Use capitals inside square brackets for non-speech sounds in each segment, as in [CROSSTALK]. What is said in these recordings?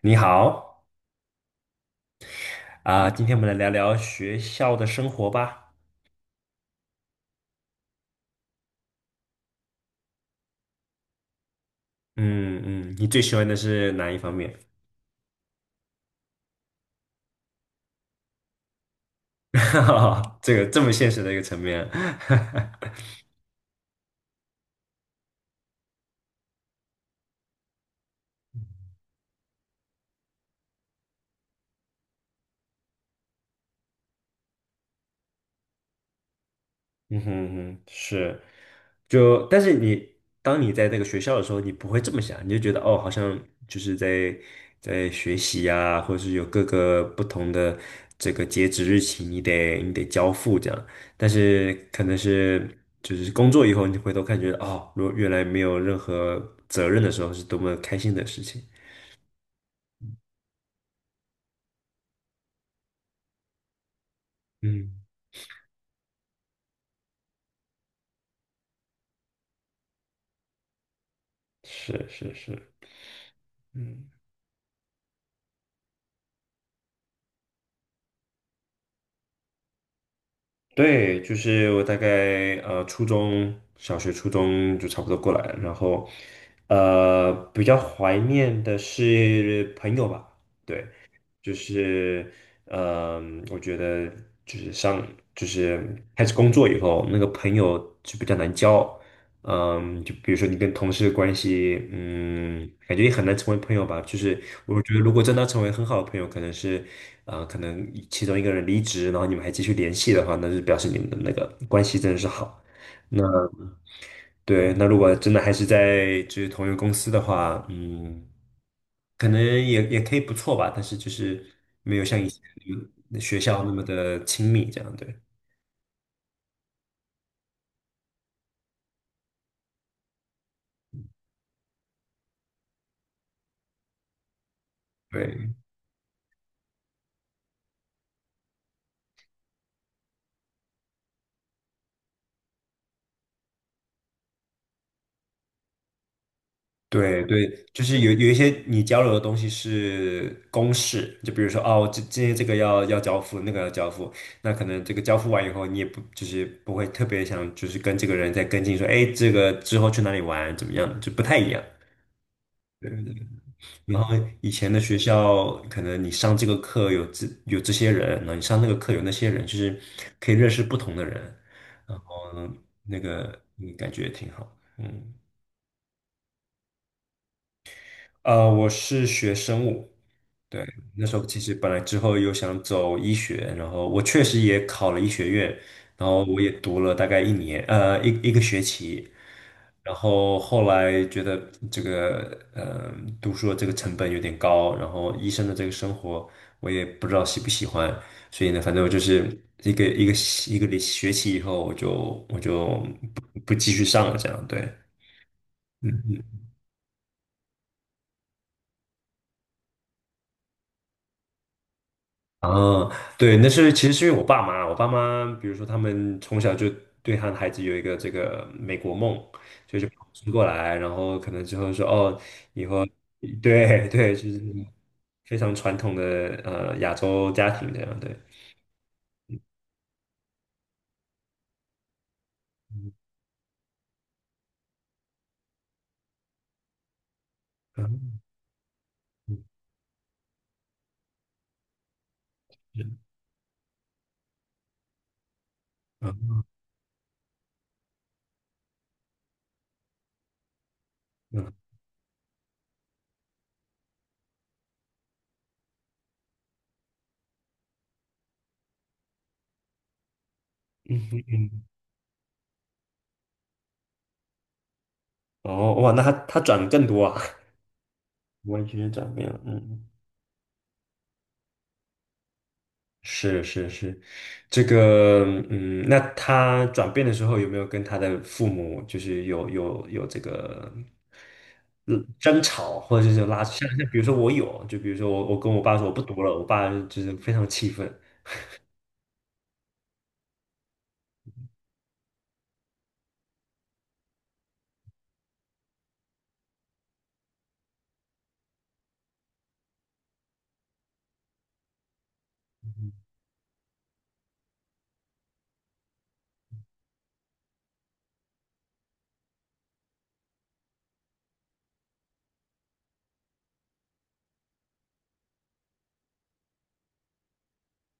你好啊，今天我们来聊聊学校的生活吧。嗯嗯，你最喜欢的是哪一方面？[LAUGHS] 这个这么现实的一个层面。[LAUGHS] 嗯哼嗯哼，是，就但是你当你在那个学校的时候，你不会这么想，你就觉得哦，好像就是在学习呀、或者是有各个不同的这个截止日期，你得交付这样。但是可能是就是工作以后，你回头看，觉得哦，如果原来没有任何责任的时候，是多么开心的事情。嗯，是是是，嗯。对，就是我大概初中小学、初中就差不多过来了，然后比较怀念的是朋友吧，对，就是我觉得就是上就是开始工作以后，那个朋友就比较难交，就比如说你跟同事的关系，感觉也很难成为朋友吧。就是我觉得，如果真的要成为很好的朋友，可能是，可能其中一个人离职，然后你们还继续联系的话，那就表示你们的那个关系真的是好。那对，那如果真的还是在就是同一个公司的话，嗯，可能也可以不错吧，但是就是没有像以前那个学校那么的亲密这样，对。对。对对，就是有一些你交流的东西是公式，就比如说哦，这今天这个要交付，那个要交付，那可能这个交付完以后，你也不就是不会特别想就是跟这个人再跟进说，哎，这个之后去哪里玩怎么样，就不太一样。对对对。然后以前的学校，可能你上这个课有这些人，然后你上那个课有那些人，就是可以认识不同的人，然后那个感觉也挺好。嗯，我是学生物。对，那时候其实本来之后又想走医学，然后我确实也考了医学院，然后我也读了大概一年，一个学期，然后后来觉得这个，读书的这个成本有点高，然后医生的这个生活我也不知道喜不喜欢，所以呢，反正我就是一个一个一个学期以后，我就不继续上了，这样，对，嗯嗯啊，对，那是其实是因为我爸妈，我爸妈，比如说他们从小就对他的孩子有一个这个美国梦，就是把我送过来，然后可能之后说哦，以后对对，就是非常传统的亚洲家庭这样，对，嗯嗯嗯嗯嗯，嗯嗯哦哇，那他转的更多啊，[LAUGHS] 完全转变了，嗯是是是，这个嗯，那他转变的时候有没有跟他的父母就是有这个嗯争吵，或者是拉像比如说我有，就比如说我跟我爸说我不读了，我爸就是非常气愤。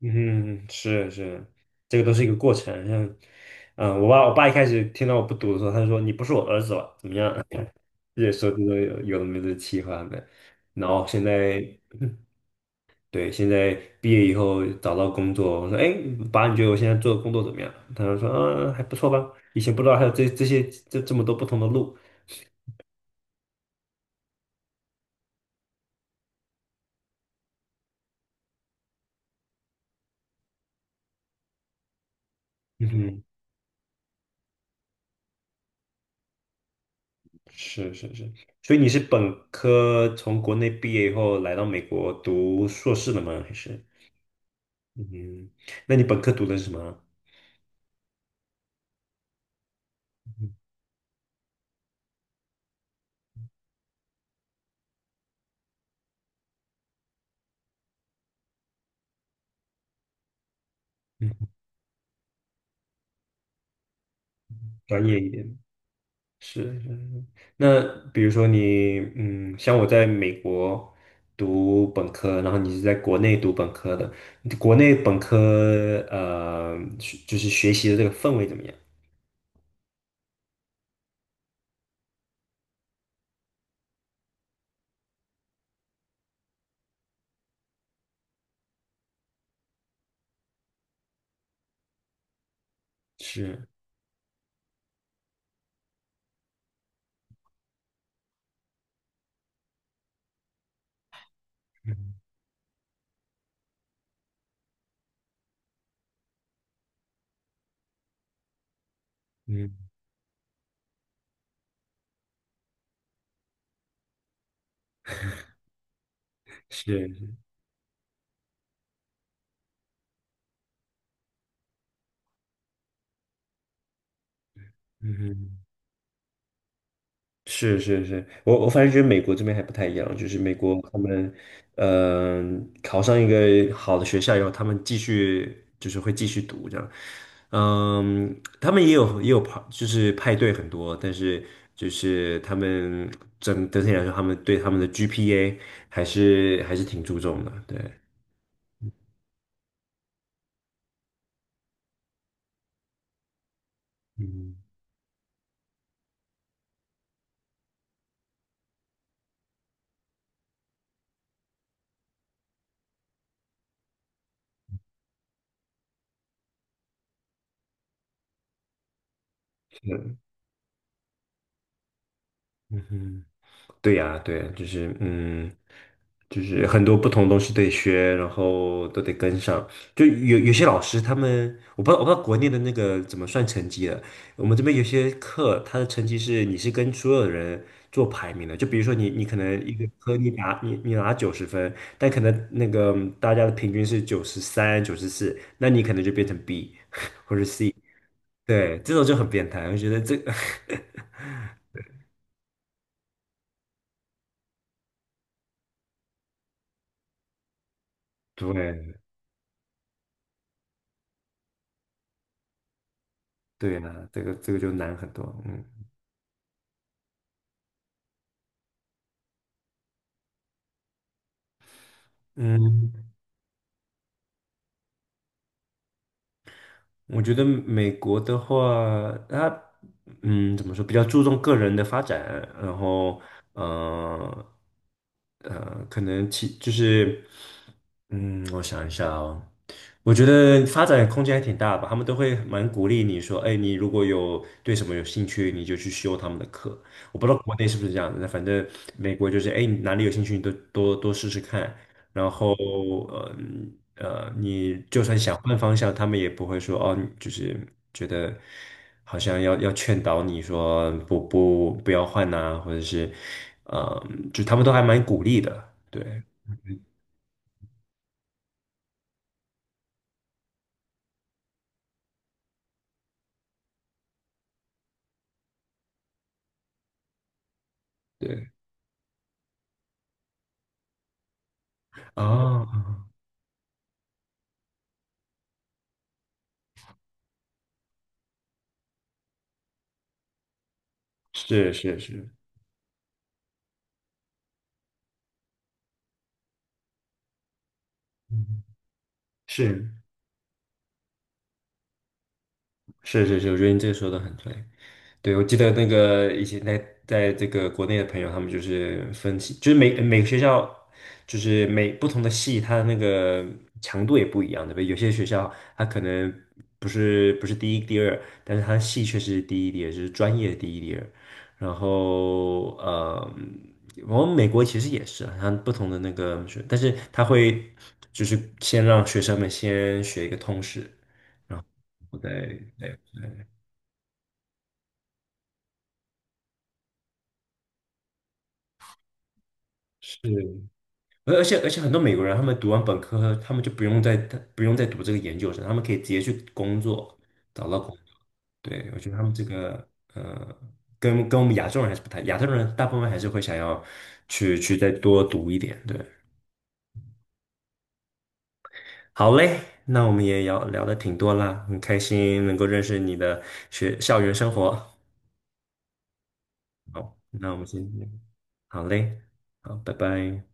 嗯，是是，这个都是一个过程。像我爸一开始听到我不读的时候，他就说你不是我儿子了，怎么样？[LAUGHS] 也说这种有的没的气话的，然后现在。对，现在毕业以后找到工作，我说，哎，爸，你觉得我现在做的工作怎么样？他就说，嗯，还不错吧。以前不知道还有这些这么多不同的路。嗯哼，是是是。所以你是本科从国内毕业以后来到美国读硕士的吗？还是？嗯，那你本科读的是什么？嗯嗯，专业一点。是是是那比如说你，像我在美国读本科，然后你是在国内读本科的，你国内本科就是学习的这个氛围怎么样？是，嗯嗯，是，嗯哼。是是是，我反正觉得美国这边还不太一样，就是美国他们，考上一个好的学校以后，他们继续就是会继续读这样，他们也有就是派对很多，但是就是他们整体来说，他们对他们的 GPA 还是挺注重的，对，嗯，是，嗯哼。对呀，对呀，就是很多不同东西得学，然后都得跟上。就有些老师他们，我不知道国内的那个怎么算成绩的。我们这边有些课，他的成绩是你是跟所有人做排名的。就比如说你可能一个科你拿90分，但可能那个大家的平均是93、94，那你可能就变成 B [LAUGHS] 或者 C。对，这种就很变态，我觉得这个 [LAUGHS] 对对啊，这个就难很多，嗯。嗯，我觉得美国的话，它怎么说，比较注重个人的发展，然后呃可能其就是我想一下哦，我觉得发展空间还挺大吧，他们都会蛮鼓励你说，哎，你如果有对什么有兴趣，你就去修他们的课。我不知道国内是不是这样的，反正美国就是，哎，你哪里有兴趣，你都多多试试看。然后呃你就算想换方向，他们也不会说哦，你就是觉得好像要劝导你说不要换呐、或者是呃，就他们都还蛮鼓励的，对对啊，是是是，嗯是。是是是，我觉得你这个说的很对。对，我记得那个以前在这个国内的朋友，他们就是分析，就是每个学校，就是每不同的系，它的那个强度也不一样，对不对？有些学校它可能不是第一第二，但是它的系却是第一第二，就是专业第一第二。然后我们美国其实也是啊，它不同的那个学，但是他会就是先让学生们先学一个通识，我再对，是。而且很多美国人，他们读完本科，他们就不用再读这个研究生，他们可以直接去工作，找到工作。对，我觉得他们这个呃，跟我们亚洲人还是不太，亚洲人大部分还是会想要去再多读一点。对，好嘞，那我们也聊聊的挺多啦，很开心能够认识你的学校园生活。那我们先，好嘞，好，拜拜。